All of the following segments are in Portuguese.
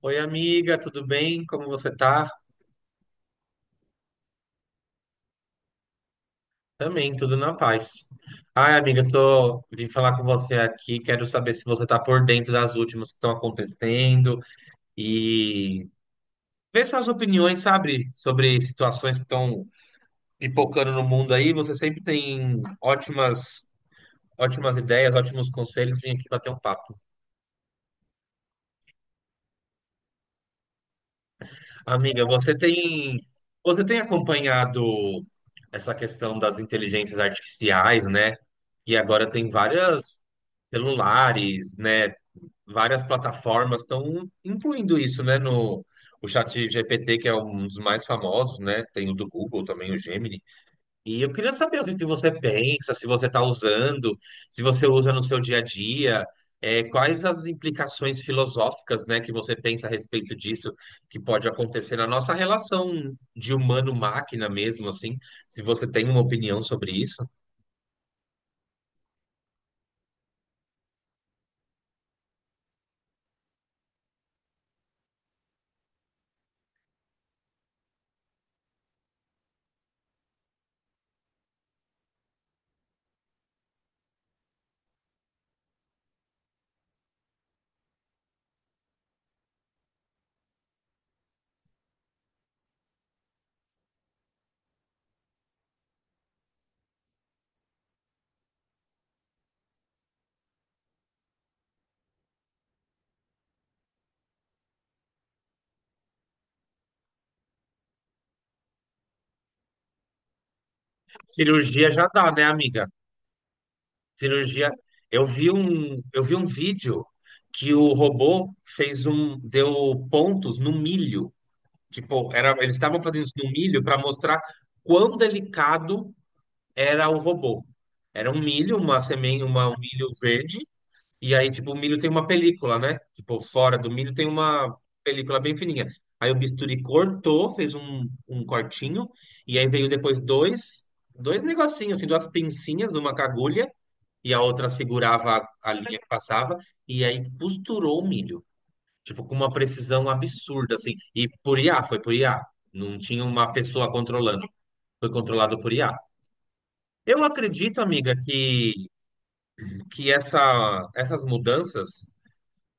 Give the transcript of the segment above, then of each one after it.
Oi, amiga, tudo bem? Como você tá? Também, tudo na paz. Ai, amiga, tô vim falar com você aqui, quero saber se você tá por dentro das últimas que estão acontecendo e ver suas opiniões, sabe, sobre situações que estão pipocando no mundo aí. Você sempre tem ótimas ideias, ótimos conselhos, vim aqui bater um papo. Amiga, você tem acompanhado essa questão das inteligências artificiais, né? E agora tem várias celulares, né? Várias plataformas estão incluindo isso, né? No o chat GPT, que é um dos mais famosos, né? Tem o do Google também, o Gemini. E eu queria saber o que que você pensa, se você está usando, se você usa no seu dia a dia, quais as implicações filosóficas, né, que você pensa a respeito disso, que pode acontecer na nossa relação de humano-máquina mesmo, assim, se você tem uma opinião sobre isso. Cirurgia já dá, né, amiga? Cirurgia. Eu vi um vídeo que o robô fez um, deu pontos no milho. Tipo, era, eles estavam fazendo isso no milho para mostrar quão delicado era o robô. Era um milho, uma semente, uma, um milho verde, e aí, tipo, o milho tem uma película, né? Tipo, fora do milho tem uma película bem fininha. Aí o bisturi cortou, fez um, um cortinho, e aí veio depois dois, dois negocinhos, assim, duas pincinhas, uma com agulha, e a outra segurava a linha que passava, e aí costurou o milho. Tipo, com uma precisão absurda, assim. E por IA, foi por IA. Não tinha uma pessoa controlando. Foi controlado por IA. Eu acredito, amiga, que essa, essas mudanças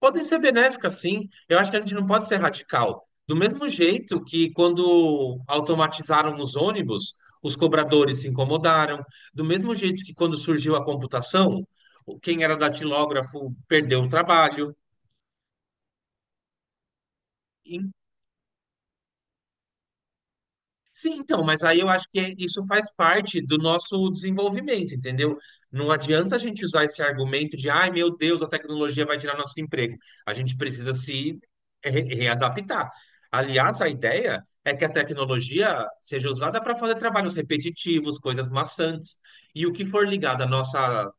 podem ser benéficas, sim. Eu acho que a gente não pode ser radical. Do mesmo jeito que quando automatizaram os ônibus, os cobradores se incomodaram. Do mesmo jeito que quando surgiu a computação, quem era datilógrafo perdeu o trabalho. Sim, então, mas aí eu acho que isso faz parte do nosso desenvolvimento, entendeu? Não adianta a gente usar esse argumento de, ai, meu Deus, a tecnologia vai tirar nosso emprego. A gente precisa se readaptar. Aliás, a ideia é que a tecnologia seja usada para fazer trabalhos repetitivos, coisas maçantes, e o que for ligado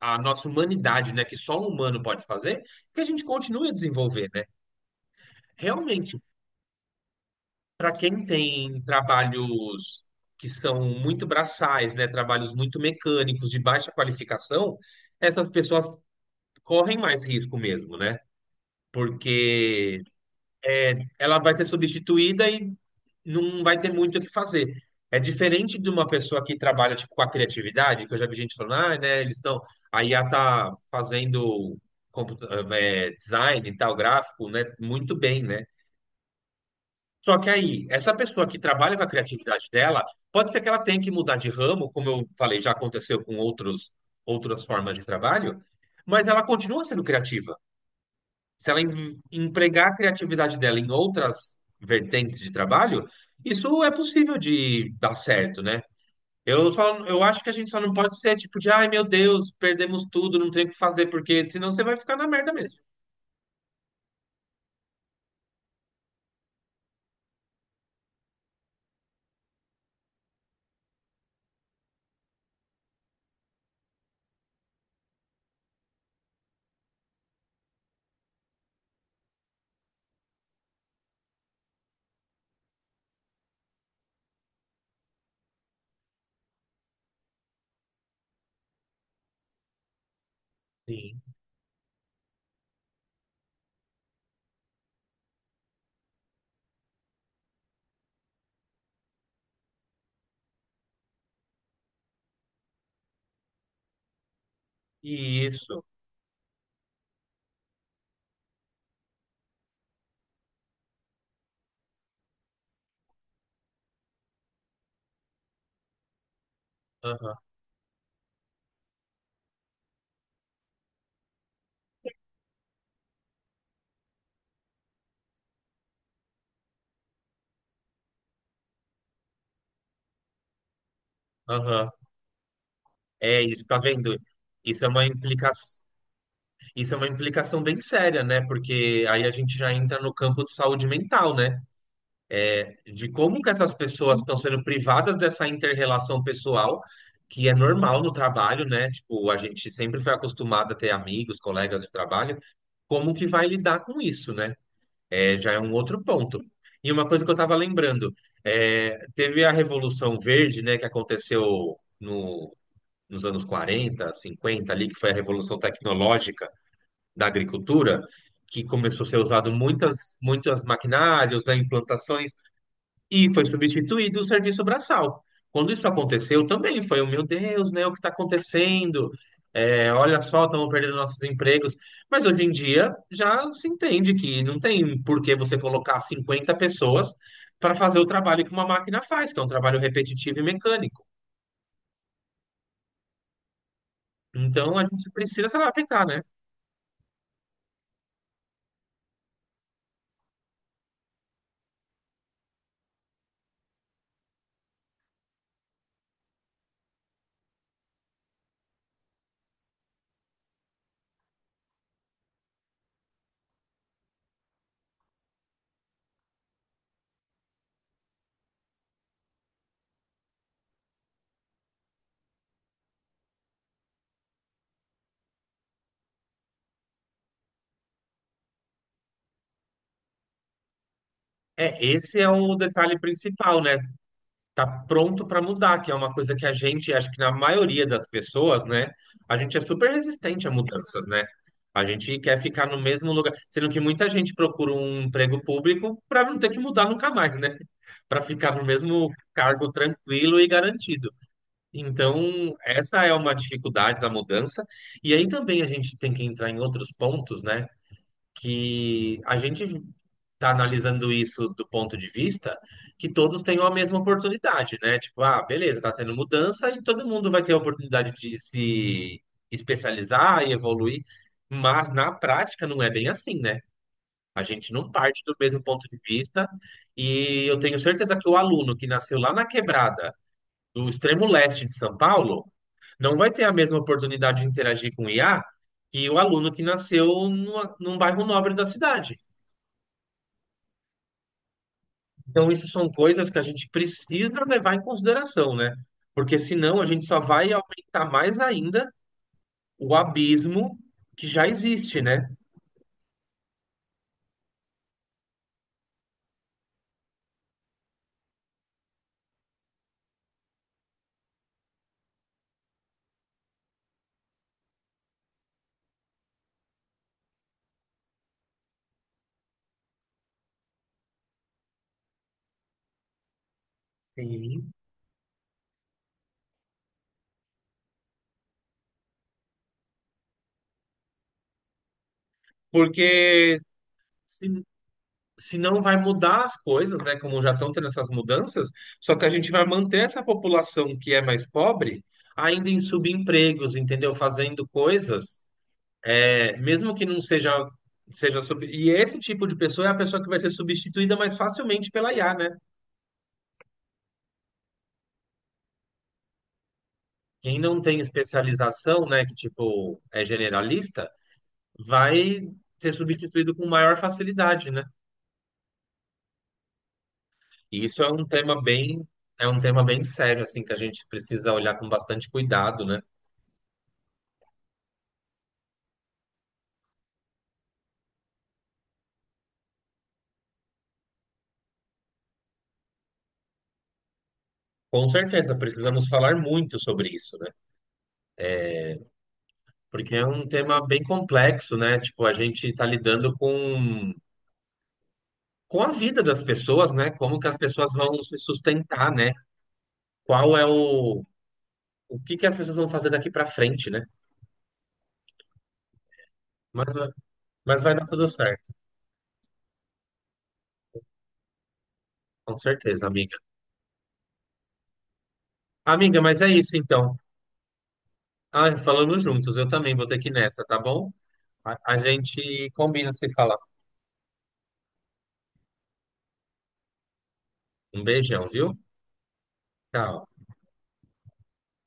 à nossa humanidade, né, que só um humano pode fazer, que a gente continue a desenvolver, né? Realmente. Para quem tem trabalhos que são muito braçais, né, trabalhos muito mecânicos, de baixa qualificação, essas pessoas correm mais risco mesmo, né? Porque ela vai ser substituída e não vai ter muito o que fazer. É diferente de uma pessoa que trabalha tipo, com a criatividade, que eu já vi gente falando, ah, né, eles estão. A IA tá fazendo computa- design e tal, gráfico, né? Muito bem, né? Só que aí, essa pessoa que trabalha com a criatividade dela, pode ser que ela tenha que mudar de ramo, como eu falei, já aconteceu com outros, outras formas de trabalho, mas ela continua sendo criativa. Se ela empregar a criatividade dela em outras vertentes de trabalho, isso é possível de dar certo, né? Eu acho que a gente só não pode ser tipo de, ai meu Deus, perdemos tudo, não tem o que fazer, porque senão você vai ficar na merda mesmo. Sim. Isso. Aham, aham. É isso, tá vendo? Isso é uma implica... isso é uma implicação bem séria, né? Porque aí a gente já entra no campo de saúde mental, né? De como que essas pessoas estão sendo privadas dessa inter-relação pessoal, que é normal no trabalho, né? Tipo, a gente sempre foi acostumado a ter amigos, colegas de trabalho. Como que vai lidar com isso, né? É, já é um outro ponto. E uma coisa que eu estava lembrando, teve a Revolução Verde, né, que aconteceu no nos anos 40, 50 ali, que foi a revolução tecnológica da agricultura, que começou a ser usado muitas, muitas maquinários, né, implantações, e foi substituído o serviço braçal. Quando isso aconteceu, também foi, o meu Deus, né, o que está acontecendo? É, olha só, estamos perdendo nossos empregos. Mas hoje em dia já se entende que não tem por que você colocar 50 pessoas para fazer o trabalho que uma máquina faz, que é um trabalho repetitivo e mecânico. Então a gente precisa se adaptar, né? É, esse é o detalhe principal, né? Tá pronto para mudar, que é uma coisa que a gente, acho que na maioria das pessoas, né? A gente é super resistente a mudanças, né? A gente quer ficar no mesmo lugar, sendo que muita gente procura um emprego público para não ter que mudar nunca mais, né? Para ficar no mesmo cargo tranquilo e garantido. Então, essa é uma dificuldade da mudança. E aí também a gente tem que entrar em outros pontos, né? Que a gente está analisando isso do ponto de vista que todos tenham a mesma oportunidade, né? Tipo, ah, beleza, tá tendo mudança e todo mundo vai ter a oportunidade de se especializar e evoluir, mas na prática não é bem assim, né? A gente não parte do mesmo ponto de vista e eu tenho certeza que o aluno que nasceu lá na quebrada do extremo leste de São Paulo não vai ter a mesma oportunidade de interagir com o IA que o aluno que nasceu num bairro nobre da cidade. Então, isso são coisas que a gente precisa levar em consideração, né? Porque senão a gente só vai aumentar mais ainda o abismo que já existe, né? Sim. Porque se, se não vai mudar as coisas, né? Como já estão tendo essas mudanças, só que a gente vai manter essa população que é mais pobre ainda em subempregos, entendeu? Fazendo coisas, mesmo que não seja, e esse tipo de pessoa é a pessoa que vai ser substituída mais facilmente pela IA, né? Quem não tem especialização, né, que tipo é generalista, vai ser substituído com maior facilidade, né? E isso é um tema bem sério, assim, que a gente precisa olhar com bastante cuidado, né? Com certeza, precisamos falar muito sobre isso, né? Porque é um tema bem complexo, né? Tipo, a gente está lidando com a vida das pessoas, né? Como que as pessoas vão se sustentar, né? Qual é o, o que que as pessoas vão fazer daqui para frente, né? Mas, mas vai dar tudo certo. Com certeza, amiga. Amiga, mas é isso então. Ah, falando juntos, eu também vou ter que ir nessa, tá bom? A gente combina se falar. Um beijão, viu? Tchau.